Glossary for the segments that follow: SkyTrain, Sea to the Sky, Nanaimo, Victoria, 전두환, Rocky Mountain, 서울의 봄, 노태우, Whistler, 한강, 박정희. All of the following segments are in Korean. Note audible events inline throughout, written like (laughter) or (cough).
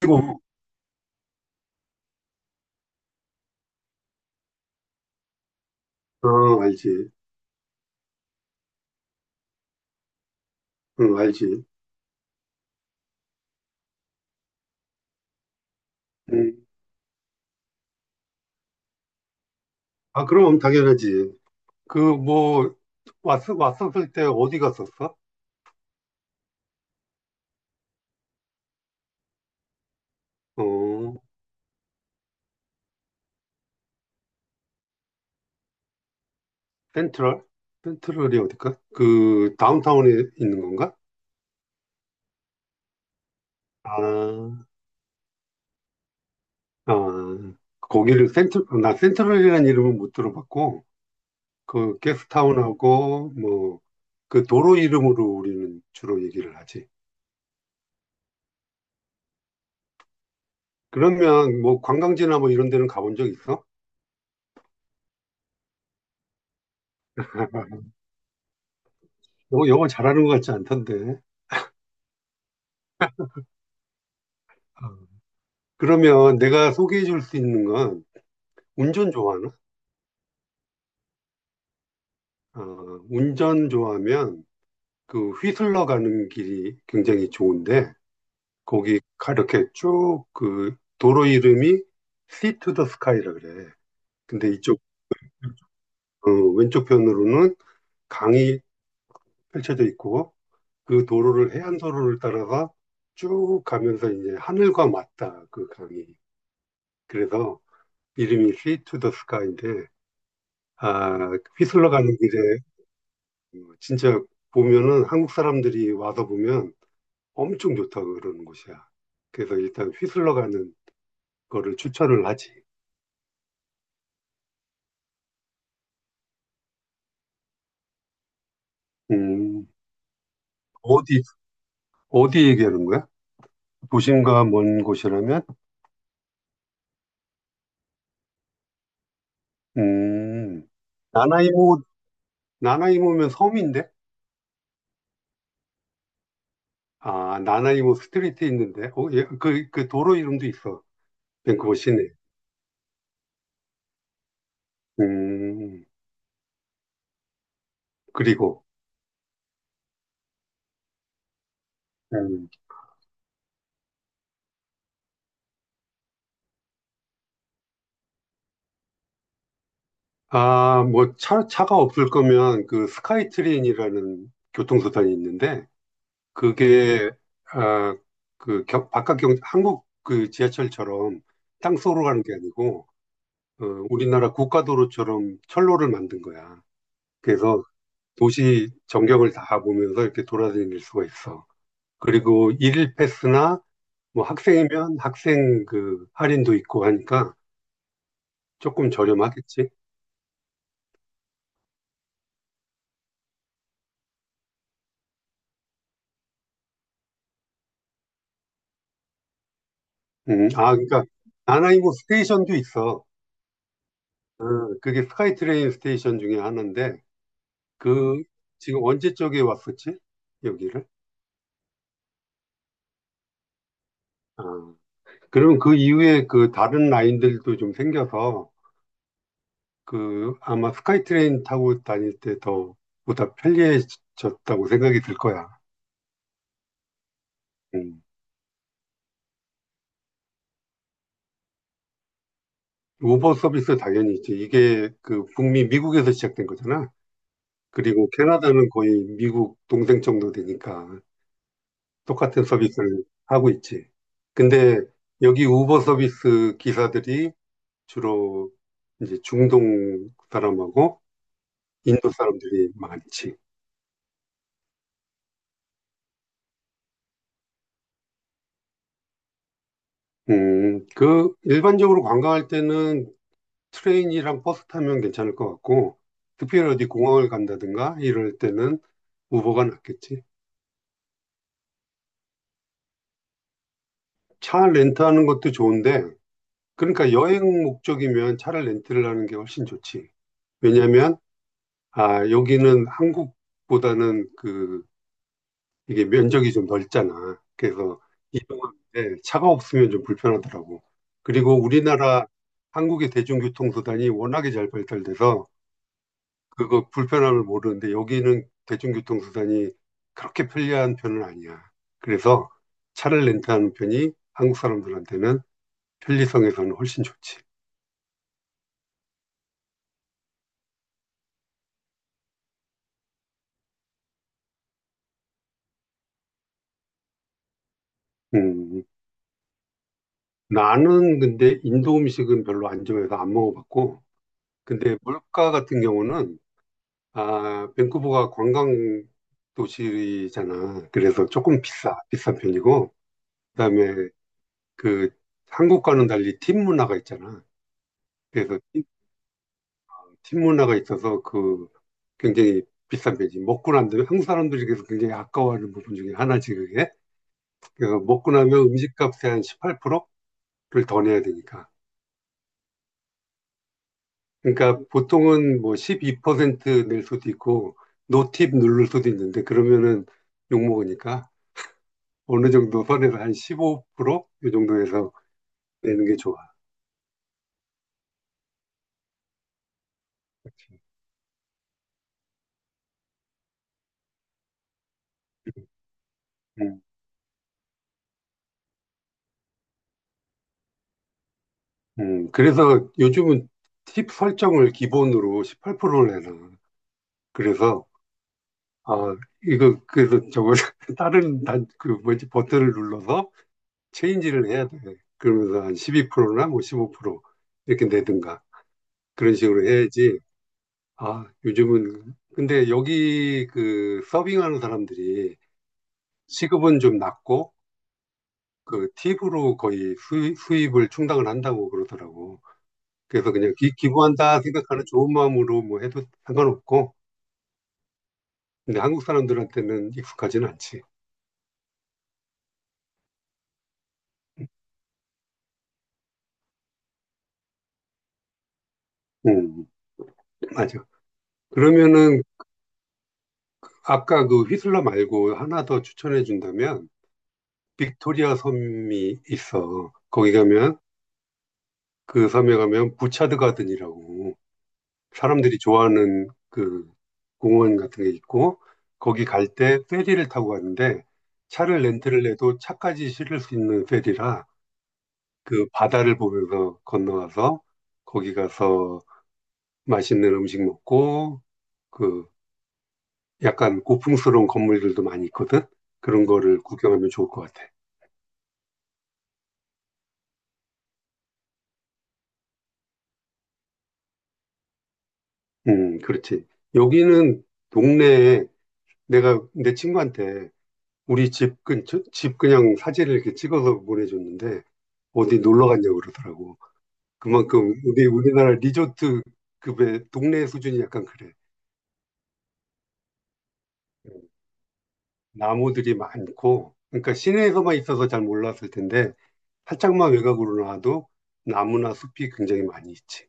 그리고 어, 알지. 응, 알지. 음, 아, 그럼 당연하지. 그, 뭐, 왔었을 때 어디 갔었어? 어, 센트럴? 센트럴이 어딜까? 그, 다운타운에 있는 건가? 아, 아, 거기를 나 센트럴이라는 이름은 못 들어봤고, 그, 게스트타운하고, 뭐, 그 도로 이름으로 우리는 주로 얘기를 하지. 그러면, 뭐, 관광지나 뭐 이런 데는 가본 적 있어? (laughs) 요거, 요거 잘하는 것 같지 않던데. 어. 그러면 내가 소개해 줄 수 있는 건 운전 좋아하나? 아, 운전 좋아하면 그 휘슬러 가는 길이 굉장히 좋은데 거기 가- 이렇게 쭉 그 도로 이름이 Sea to the Sky라 그래. 근데 이쪽 어, 왼쪽 편으로는 강이 펼쳐져 있고 그 도로를 해안 도로를 따라서 쭉 가면서 이제 하늘과 맞닿아 그 강이. 그래서 이름이 Sea to the Sky인데 아, 휘슬러 가는 길에 그 진짜 보면은 한국 사람들이 와서 보면 엄청 좋다 그러는 곳이야. 그래서 일단 휘슬러 가는 거를 추천을 하지. 음, 어디, 어디 얘기하는 거야? 도심과 먼 곳이라면? 음, 나나이모, 나나이모면 섬인데? 아, 나나이모 스트리트 있는데? 어, 예, 그, 그 도로 이름도 있어. 밴쿠버 시내. 음, 그리고, 음, 아, 뭐, 차가 없을 거면 그 스카이트레인이라는 교통수단이 있는데, 그게 아, 그 바깥 경 한국 그 지하철처럼 땅속으로 가는 게 아니고 어, 우리나라 국가도로처럼 철로를 만든 거야. 그래서 도시 전경을 다 보면서 이렇게 돌아다닐 수가 있어. 그리고 일일 패스나 뭐 학생이면 학생 그 할인도 있고 하니까 조금 저렴하겠지. 아 그러니까 나나이모 스테이션도 있어. 어, 그게 스카이트레인 스테이션 중에 하나인데 그 지금 언제 쪽에 왔었지? 여기를? 아, 그러면 그 이후에 그 다른 라인들도 좀 생겨서 그 아마 스카이트레인 타고 다닐 때 더 보다 편리해졌다고 생각이 들 거야. 음. 우버 서비스 당연히 있지. 이게 그 북미 미국에서 시작된 거잖아. 그리고 캐나다는 거의 미국 동생 정도 되니까 똑같은 서비스를 하고 있지. 근데 여기 우버 서비스 기사들이 주로 이제 중동 사람하고 인도 사람들이 많지. 그, 일반적으로 관광할 때는 트레인이랑 버스 타면 괜찮을 것 같고, 특별히 어디 공항을 간다든가 이럴 때는 우버가 낫겠지. 차 렌트하는 것도 좋은데, 그러니까 여행 목적이면 차를 렌트를 하는 게 훨씬 좋지. 왜냐면, 아, 여기는 한국보다는 그, 이게 면적이 좀 넓잖아. 그래서 이동하는데 차가 없으면 좀 불편하더라고. 그리고 우리나라 한국의 대중교통 수단이 워낙에 잘 발달돼서 그거 불편함을 모르는데 여기는 대중교통수단이 그렇게 편리한 편은 아니야. 그래서 차를 렌트하는 편이 한국 사람들한테는 편리성에서는 훨씬 좋지. 음, 나는 근데 인도 음식은 별로 안 좋아해서 안 먹어봤고, 근데 물가 같은 경우는 아, 밴쿠버가 관광 도시잖아. 그래서 조금 비싼 편이고, 그다음에 그 한국과는 달리 팁 문화가 있잖아. 그래서 팀 문화가 있어서 그 굉장히 비싼 배지. 먹고 난 다음에 한국 사람들에게서 굉장히 아까워하는 부분 중에 하나지 그게. 그래서 먹고 나면 음식값의 한 18%를 더 내야 되니까. 그러니까 보통은 뭐 12%낼 수도 있고 노팁 누를 수도 있는데 그러면은 욕먹으니까 어느 정도 선에서 한 15 이 정도에서 내는 게 좋아. 그치. 음, 그래서 요즘은 팁 설정을 기본으로 18%를 해놔. 그래서 아, 이거, 그래서 저거, (laughs) 그 뭐지, 버튼을 눌러서 체인지를 해야 돼. 그러면서 한 12%나 뭐 15% 이렇게 내든가. 그런 식으로 해야지. 아, 요즘은, 근데 여기 그 서빙하는 사람들이 시급은 좀 낮고, 그 팁으로 거의 수입을 충당을 한다고 그러더라고. 그래서 그냥 기부한다 생각하는 좋은 마음으로 뭐 해도 상관없고, 근데 한국 사람들한테는 익숙하진 않지. 음, 맞아. 그러면은 아까 그 휘슬러 말고 하나 더 추천해 준다면 빅토리아 섬이 있어. 거기 가면 그 섬에 가면 부차드 가든이라고 사람들이 좋아하는 그 공원 같은 게 있고 거기 갈 때 페리를 타고 가는데 차를 렌트를 해도 차까지 실을 수 있는 페리라 그 바다를 보면서 건너가서 거기 가서 맛있는 음식 먹고 그 약간 고풍스러운 건물들도 많이 있거든. 그런 거를 구경하면 좋을 것 같아. 그렇지. 여기는 동네에 내가 내 친구한테 우리 집 근처, 집 그냥 사진을 이렇게 찍어서 보내줬는데 어디 놀러 갔냐고 그러더라고. 그만큼 우리나라 리조트급의 동네 수준이 약간 그래. 나무들이 많고, 그러니까 시내에서만 있어서 잘 몰랐을 텐데 살짝만 외곽으로 나와도 나무나 숲이 굉장히 많이 있지.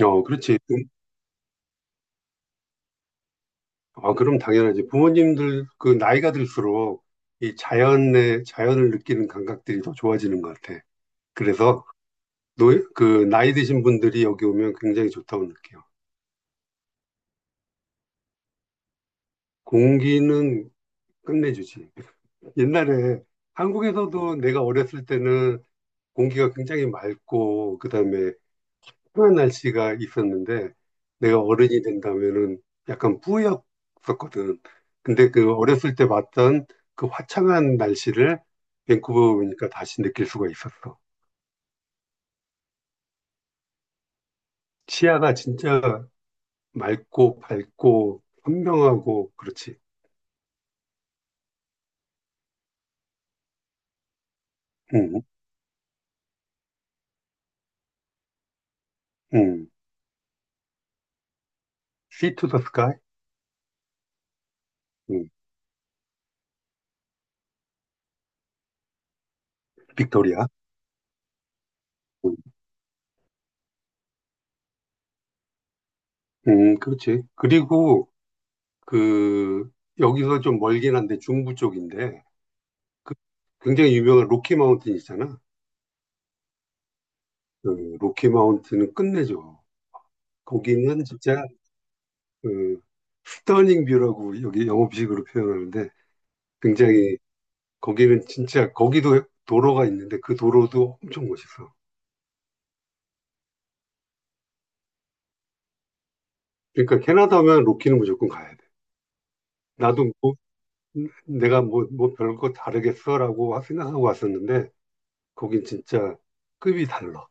어, 그렇지. 아, 그럼 당연하지. 부모님들 그 나이가 들수록 이 자연의 자연을 느끼는 감각들이 더 좋아지는 것 같아. 그래서 노, 그 나이 드신 분들이 여기 오면 굉장히 좋다고 느껴요. 공기는 끝내주지. 옛날에 한국에서도 내가 어렸을 때는 공기가 굉장히 맑고 그다음에 평창한 날씨가 있었는데 내가 어른이 된다면은 약간 뿌였었거든. 근데 그 어렸을 때 봤던 그 화창한 날씨를 밴쿠버 오니까 다시 느낄 수가 있었어. 시야가 진짜 맑고 밝고 선명하고 그렇지. 음, 음. See to the sky. 음, 빅토리아. 음, 그렇지. 그리고 그 여기서 좀 멀긴 한데 중부 쪽인데 그 굉장히 유명한 로키 마운틴 있잖아. 그 로키 마운틴은 끝내죠. 거기는 진짜 그 스터닝 뷰라고 여기 영업식으로 표현하는데 굉장히 거기는 진짜 거기도 도로가 있는데 그 도로도 엄청 멋있어. 그러니까 캐나다면 로키는 무조건 가야 돼. 나도 뭐 내가 뭐, 별거 다르겠어라고 생각하고 왔었는데 거긴 진짜 급이 달라.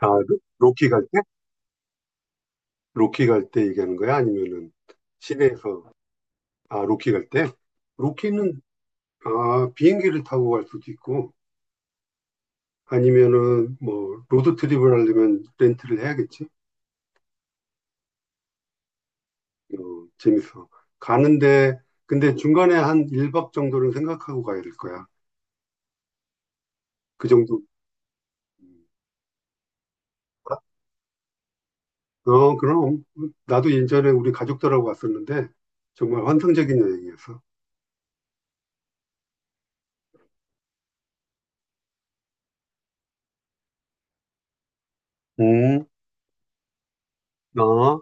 아, 로키 갈 때? 로키 갈 때 얘기하는 거야? 아니면은 시내에서 아 로키 갈 때? 로키는 아, 비행기를 타고 갈 수도 있고, 아니면은 뭐, 로드트립을 하려면 렌트를 해야겠지? 어, 재밌어. 가는데, 근데 중간에 한 1박 정도는 생각하고 가야 될 거야. 그 정도. 어, 그럼. 나도 예전에 우리 가족들하고 갔었는데, 정말 환상적인 여행이었어. 음, 어.